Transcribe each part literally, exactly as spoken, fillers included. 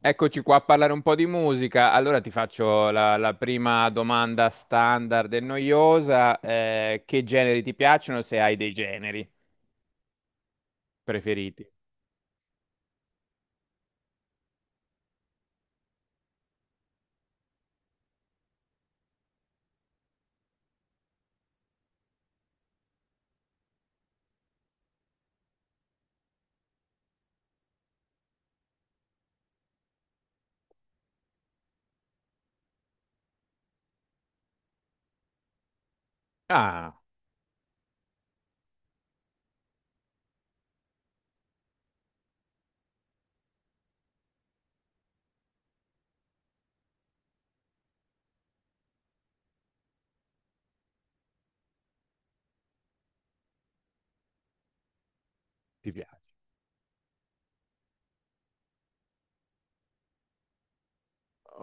Eccoci qua a parlare un po' di musica. Allora ti faccio la, la prima domanda standard e noiosa. Eh, che generi ti piacciono, se hai dei generi preferiti? Ah, ti piace.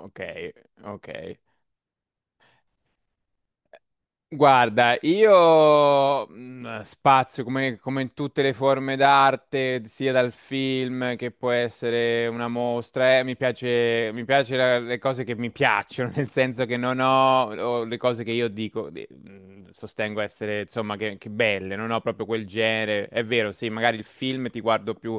Ok, ok. Guarda, io mh, spazio come, come in tutte le forme d'arte, sia dal film che può essere una mostra, eh, mi piace, mi piace la- le cose che mi piacciono, nel senso che non ho, o le cose che io dico, di- mh, sostengo essere, insomma, che, che belle, non ho proprio quel genere. È vero, sì, magari il film ti guardo più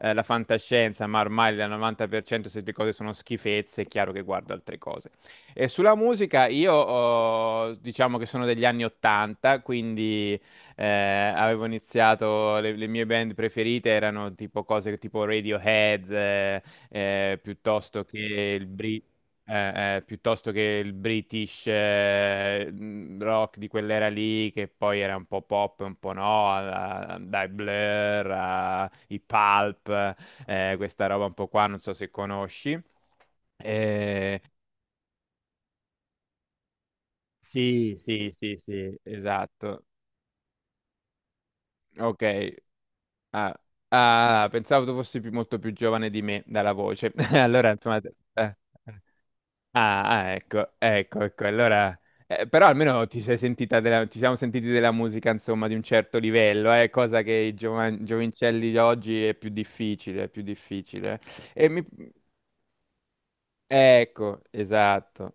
eh, la fantascienza, ma ormai la novanta per cento se le cose sono schifezze, è chiaro che guardo altre cose. E sulla musica io ho- diciamo che sono degli anni ottanta, quindi eh, avevo iniziato, le, le mie band preferite erano tipo cose che- tipo Radiohead, eh, eh, piuttosto che il Bri- eh, eh, piuttosto che il British eh, mh, rock di quell'era lì, che poi era un po' pop, un po' no, a- a- dai Blur, a- i Pulp, eh, questa roba un po' qua, non so se conosci. Eh, sì, sì, sì, sì, esatto. Ok. Ah, ah, pensavo tu fossi più- molto più giovane di me dalla voce. Allora, insomma. te- eh. Ah, ah, ecco, ecco, ecco. Allora, eh, però almeno ti sei sentita della- ci siamo sentiti della musica, insomma, di un certo livello, eh, cosa che i giovan- giovincelli di oggi è più difficile, è più difficile. E mi. Ecco, esatto.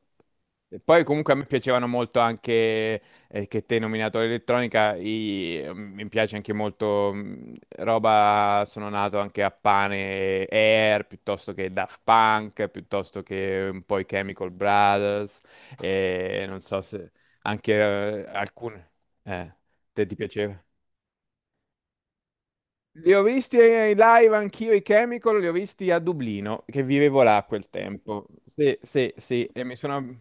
E poi comunque a me piacevano molto anche, eh, che te hai nominato l'elettronica, i- mm, mi piace anche molto mh, roba, sono nato anche a pane Air, piuttosto che Daft Punk, piuttosto che un po' i Chemical Brothers, e non so se anche eh, alcune. Eh, te ti piaceva? Li ho visti in live anch'io i Chemical, li ho visti a Dublino, che vivevo là a quel tempo. Sì, sì, sì, e mi sono.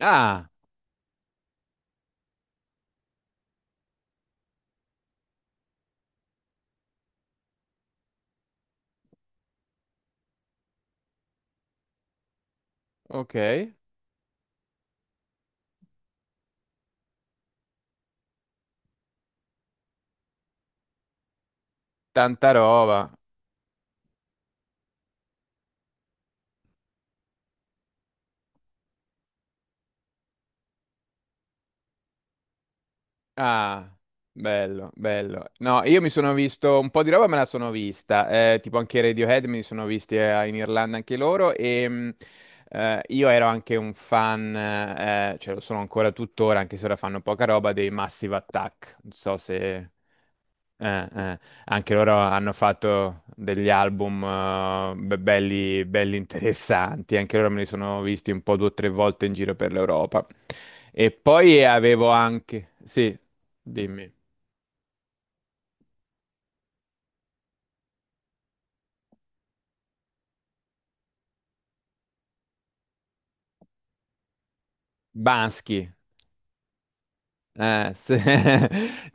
Ah, ok. Tanta roba. Ah, bello, bello. No, io mi sono visto un po' di roba, me la sono vista. eh, tipo anche i Radiohead me li sono visti eh, in Irlanda anche loro. E mh, eh, io ero anche un fan, eh, cioè lo sono ancora tuttora, anche se ora fanno poca roba, dei Massive Attack. Non so se. Eh, eh. Anche loro hanno fatto degli album eh, be- belli, belli interessanti, anche loro me li sono visti un po' due o tre volte in giro per l'Europa. E poi avevo anche, sì, dimmi. Bansky. Eh, se-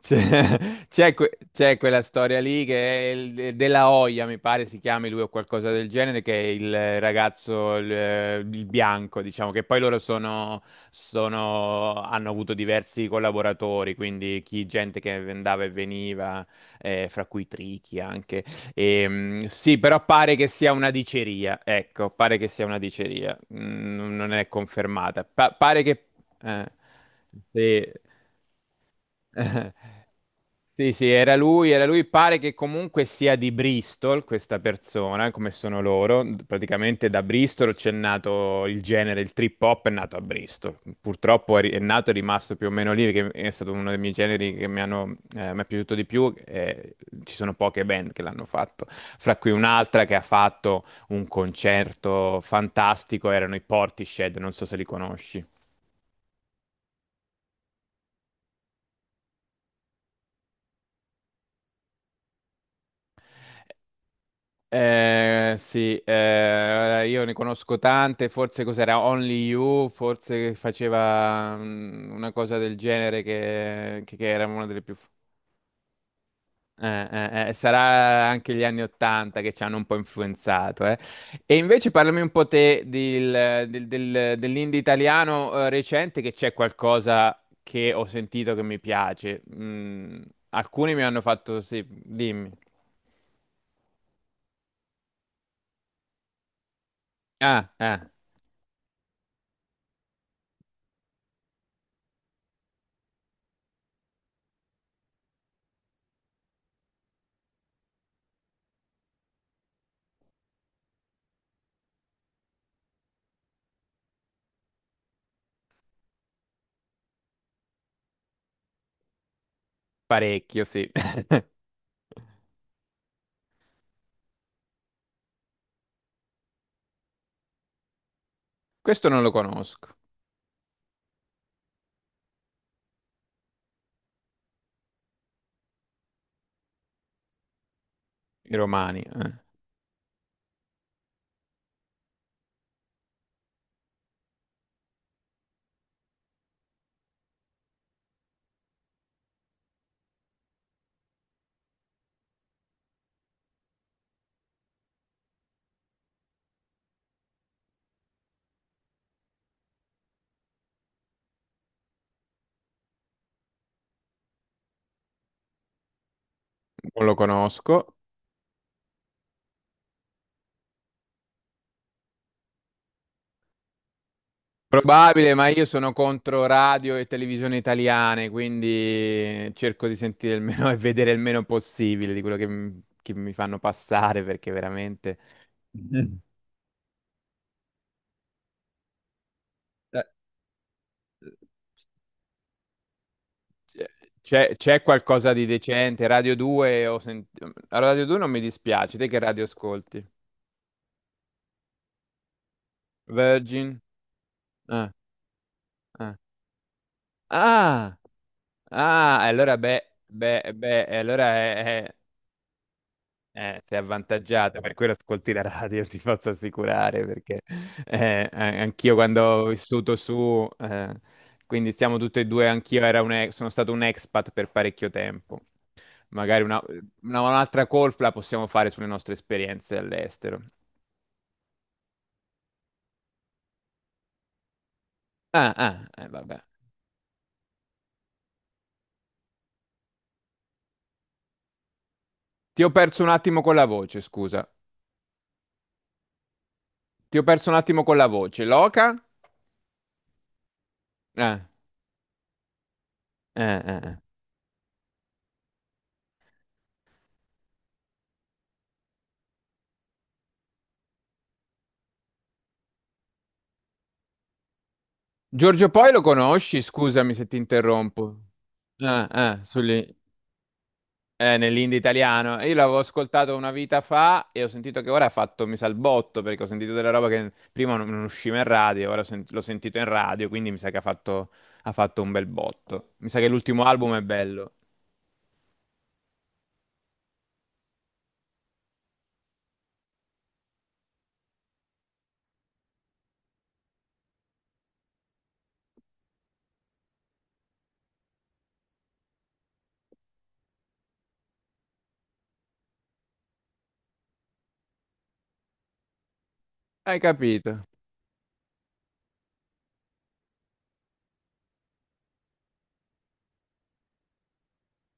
c'è c'è- que- c'è quella storia lì che è il- della Hoya, mi pare si chiami lui o qualcosa del genere, che è il ragazzo, il, eh, il bianco, diciamo, che poi loro sono, sono- hanno avuto diversi collaboratori, quindi chi, gente che andava e veniva, eh, fra cui Tricky anche. E, mh, sì, però pare che sia una diceria, ecco, pare che sia una diceria. Mm, non è confermata. Pa- pare che. Eh, sì. Sì, sì, era lui, era lui. Pare che comunque sia di Bristol questa persona, come sono loro. Praticamente da Bristol c'è nato il genere, il trip hop è nato a Bristol. Purtroppo è, ri- è nato e rimasto più o meno lì, che è stato uno dei miei generi che mi hanno, eh, mi è piaciuto di più. eh, ci sono poche band che l'hanno fatto, fra cui un'altra che ha fatto un concerto fantastico, erano i Portishead, non so se li conosci. Eh, sì, eh, io ne conosco tante, forse cos'era Only You, forse che faceva mm, una cosa del genere che, che- che era una delle più. Eh, eh, eh, sarà anche gli anni Ottanta che ci hanno un po' influenzato. eh. E invece parlami un po' te del- del- del- dell'indie italiano eh, recente, che c'è qualcosa che ho sentito che mi piace. Mm, alcuni mi hanno fatto. Sì, dimmi. Ah, eh, parecchio, sì. Questo non lo conosco, i romani, eh. Non lo conosco. Probabile, ma io sono contro radio e televisione italiane, quindi cerco di sentire il meno e vedere il meno possibile di quello che, m- che mi fanno passare, perché veramente eh, c'è c'è- c'è qualcosa di decente. Radio due, ho sent- Radio due non mi dispiace, te che radio ascolti? Virgin? Ah, ah, ah, ah, allora beh, beh, beh, allora è. Eh, sei avvantaggiata, per quello ascolti la radio, ti posso assicurare, perché eh, a- anch'io quando ho vissuto su, eh, quindi siamo tutti e due, anch'io era un e- sono stato un expat per parecchio tempo. Magari una- una- un'altra call la possiamo fare sulle nostre esperienze all'estero. Ah, ah, eh, vabbè. Ti ho perso un attimo con la voce, scusa. Ti ho perso un attimo con la voce. Loca? Eh, eh, eh. eh. Giorgio Poi lo conosci? Scusami se ti interrompo. Ah, ah, sugli- Eh, nell'indie italiano. Io l'avevo ascoltato una vita fa e ho sentito che ora ha fatto mi sa il botto perché ho sentito della roba che prima non non usciva in radio, ora ho sent- l'ho sentito in radio, quindi mi sa che ha fatto, ha fatto un bel botto. Mi sa che l'ultimo album è bello. Hai capito?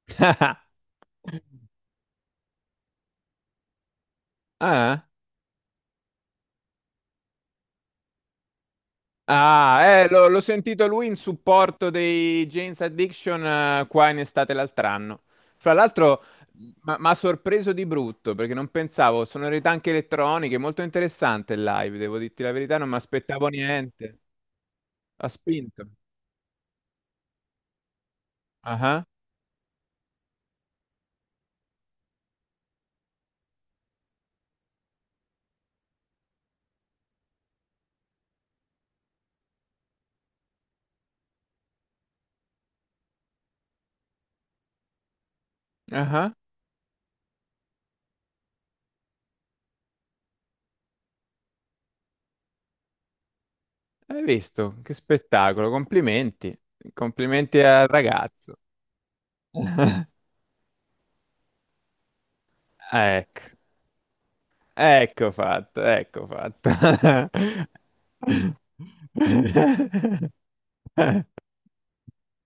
Ah? Ah, eh, l'ho l'ho sentito lui in supporto dei Jane's Addiction eh, qua in estate l'altro anno. Fra l'altro, mi ha sorpreso di brutto perché non pensavo, sonorità anche elettroniche, molto interessante il live, devo dirti la verità, non mi aspettavo niente. Ha spinto. Ah, ah, ah. Hai visto? Che spettacolo, complimenti. Complimenti al ragazzo. Ecco, ecco fatto, ecco fatto.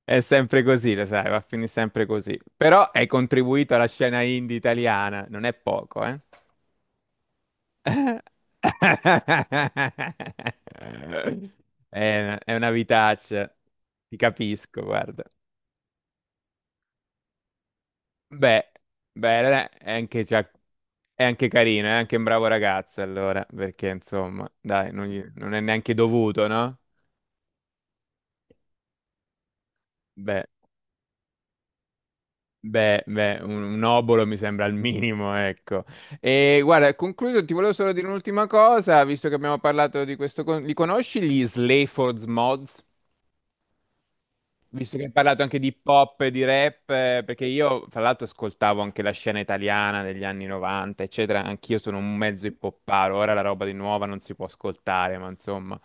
È sempre così, lo sai, va a finire sempre così. Però hai contribuito alla scena indie italiana, non è poco, eh? È una, è una vitaccia, ti capisco, guarda. Beh, beh, allora è anche, già- è anche carino, è anche un bravo ragazzo, allora, perché insomma, dai, non, gli- non è neanche dovuto, no? Beh. Beh, beh, un, un obolo mi sembra il minimo, ecco. E guarda, concluso, ti volevo solo dire un'ultima cosa, visto che abbiamo parlato di questo. con- Li conosci gli Slayford's Mods? Visto che hai parlato anche di pop e di rap, eh, perché io, tra l'altro, ascoltavo anche la scena italiana degli anni novanta, eccetera. Anch'io sono un mezzo hippopparo, ora la roba di nuova non si può ascoltare, ma insomma.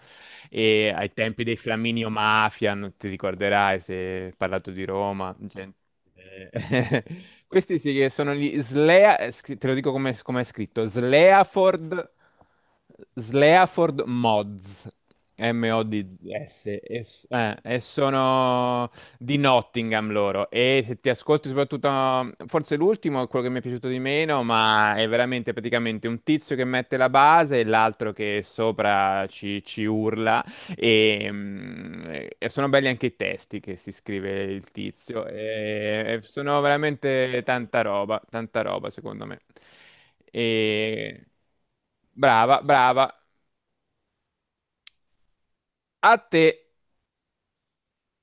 E ai tempi dei Flaminio Mafia, non ti ricorderai se hai parlato di Roma, gente eh, Questi sì che sono gli Slea, eh, scri- te lo dico come, come, è scritto, Sleaford, Sleaford Mods, M-O-D-S, e, s- eh, e sono di Nottingham loro. E se ti ascolti soprattutto, forse l'ultimo è quello che mi è piaciuto di meno, ma è veramente praticamente un tizio che mette la base e l'altro che sopra ci, ci urla. Ehm, E, mm, e sono belli anche i testi che si scrive il tizio. E, e sono veramente tanta roba, tanta roba secondo me. E, brava, brava. A te.